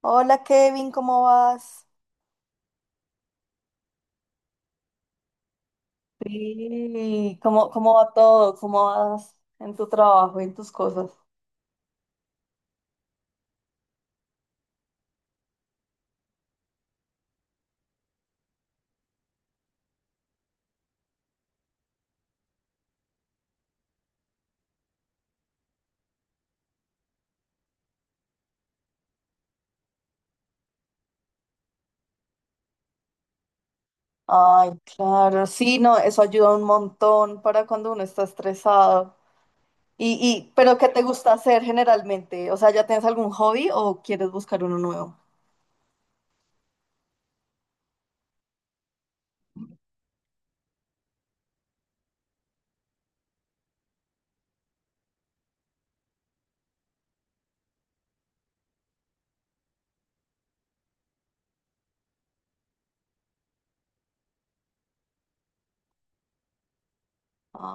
Hola Kevin, ¿cómo vas? Sí, ¿cómo va todo? ¿Cómo vas en tu trabajo y en tus cosas? Ay, claro, sí, no, eso ayuda un montón para cuando uno está estresado. Pero ¿qué te gusta hacer generalmente? O sea, ¿ya tienes algún hobby o quieres buscar uno nuevo?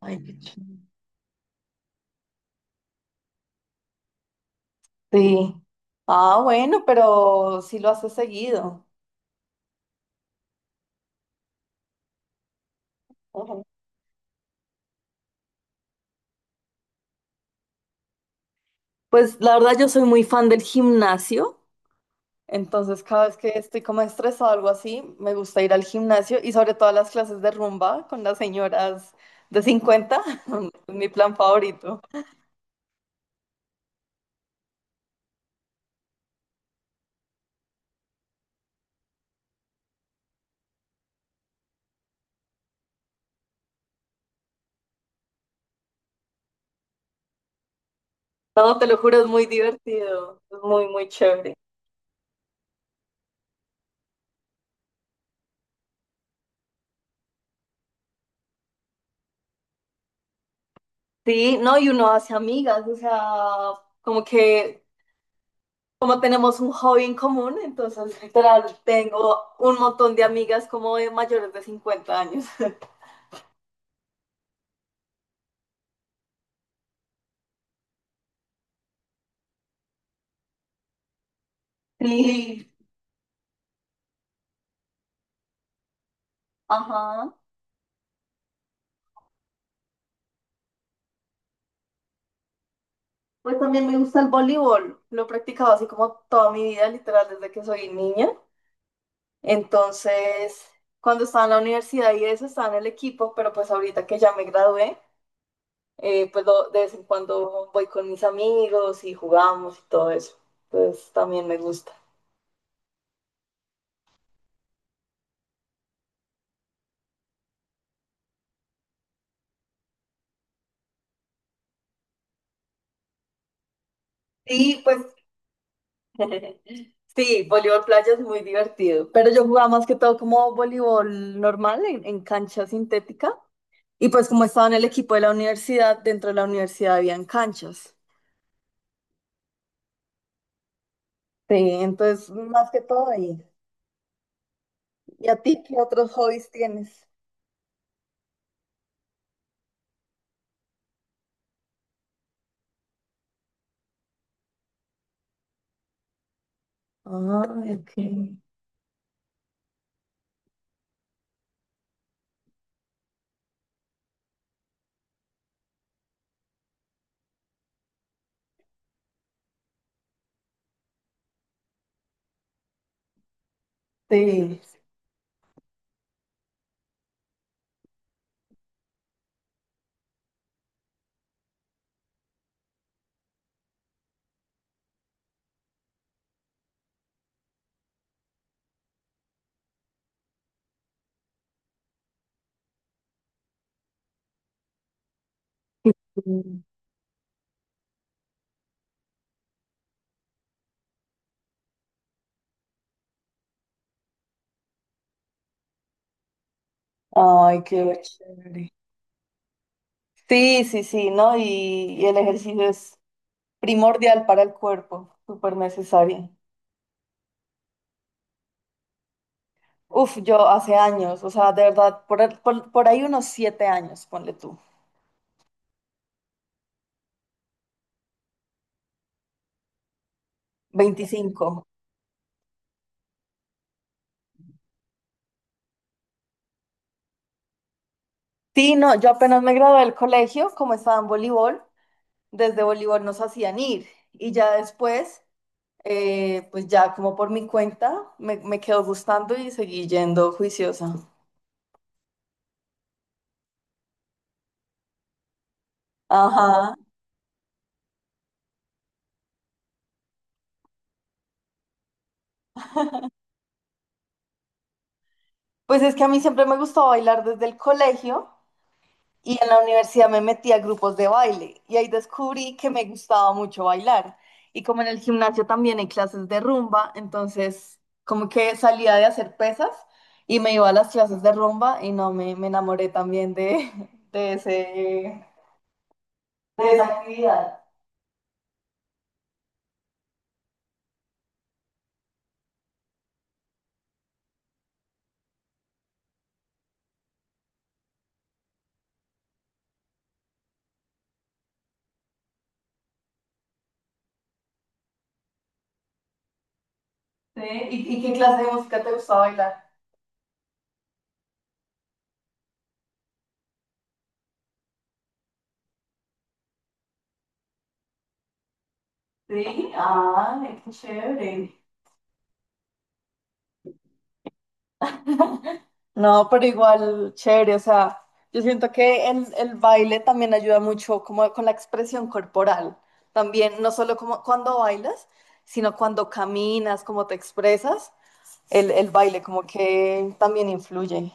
Ay, qué ch- Sí. Ah, bueno, pero sí lo haces seguido. Ujú. Pues la verdad yo soy muy fan del gimnasio. Entonces, cada vez que estoy como estresado o algo así, me gusta ir al gimnasio y sobre todo a las clases de rumba con las señoras de 50. Es mi plan favorito. No, te lo juro, es muy divertido. Es muy, muy chévere. Sí, no, y uno hace amigas, o sea, como que, como tenemos un hobby en común, entonces literal tengo un montón de amigas como de mayores de 50 años. Sí, ajá. Pues también me gusta el voleibol. Lo he practicado así como toda mi vida, literal, desde que soy niña. Entonces, cuando estaba en la universidad y eso, estaba en el equipo, pero pues ahorita que ya me gradué, pues de vez en cuando voy con mis amigos y jugamos y todo eso. Pues también me gusta. Sí, pues sí, voleibol playa es muy divertido, pero yo jugaba más que todo como voleibol normal en cancha sintética. Y pues como estaba en el equipo de la universidad, dentro de la universidad habían canchas. Sí, entonces más que todo ahí. ¿Y a ti qué otros hobbies tienes? Ah, ok. Sí, sí. Ay, qué chévere. Sí, sí, sí, ¿no? Y el ejercicio es primordial para el cuerpo, súper necesario. Uf, yo hace años, o sea, de verdad, por ahí unos 7 años, ponle tú, 25. Sí, no, yo apenas me gradué del colegio, como estaba en voleibol, desde voleibol nos hacían ir y ya después pues ya como por mi cuenta me quedó gustando y seguí yendo juiciosa. Ajá. Pues es que a mí siempre me gustó bailar desde el colegio y en la universidad me metí a grupos de baile y ahí descubrí que me gustaba mucho bailar. Y como en el gimnasio también hay clases de rumba, entonces como que salía de hacer pesas y me iba a las clases de rumba y no, me enamoré también de, de ese, de esa actividad. Sí. Y qué clase de música te gustaba bailar? Sí, ay, qué chévere. No, pero igual, chévere, o sea, yo siento que el baile también ayuda mucho como con la expresión corporal, también, no solo como cuando bailas, sino cuando caminas, cómo te expresas, el baile como que también influye.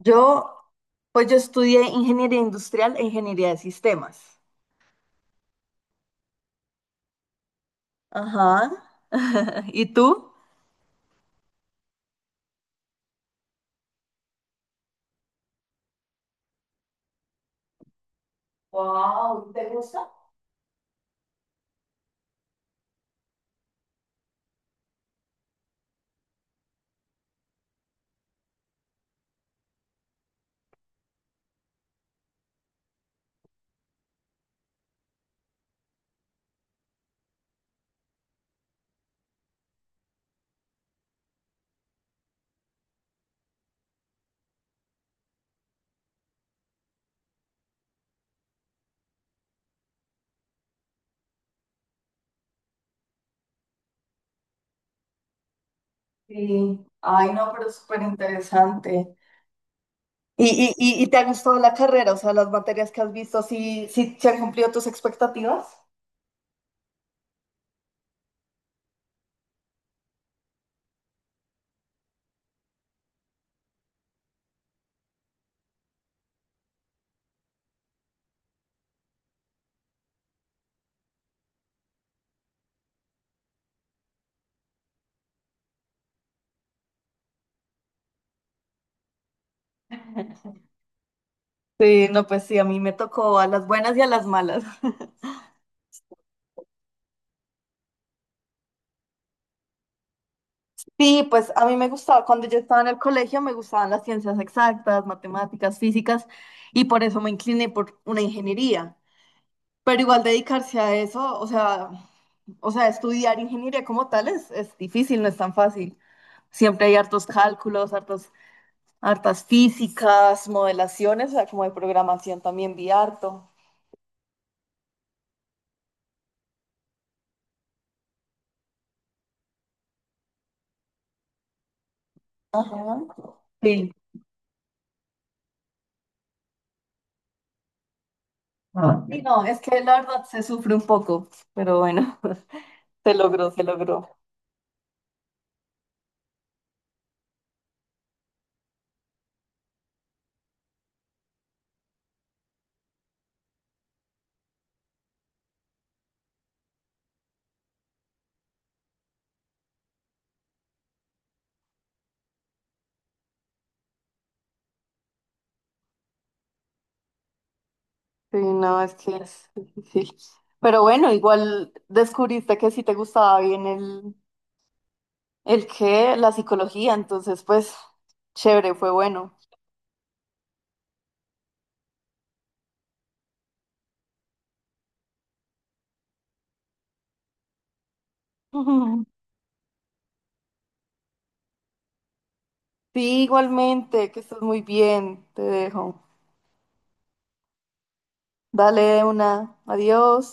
Yo, pues yo estudié ingeniería industrial e ingeniería de sistemas. Ajá. ¿Y tú? Wow, ¿te gusta? Sí. Ay, no, pero súper interesante. ¿Y te ha gustado la carrera? O sea, las materias que has visto, ¿sí, sí se han cumplido tus expectativas? Sí, no, pues sí, a mí me tocó a las buenas y a las malas. Sí, pues a mí me gustaba, cuando yo estaba en el colegio me gustaban las ciencias exactas, matemáticas, físicas, y por eso me incliné por una ingeniería. Pero igual dedicarse a eso, o sea, estudiar ingeniería como tal es difícil, no es tan fácil. Siempre hay hartos cálculos, hartos. Hartas físicas, modelaciones, o sea, como de programación también vi harto. Ajá. Sí. Sí, no, es que la verdad se sufre un poco, pero bueno, se logró, se logró. Sí, no, es que es difícil. Pero bueno, igual descubriste que sí te gustaba bien el qué, la psicología, entonces pues chévere, fue bueno. Ujú. Sí, igualmente, que estés muy bien, te dejo. Dale una, adiós.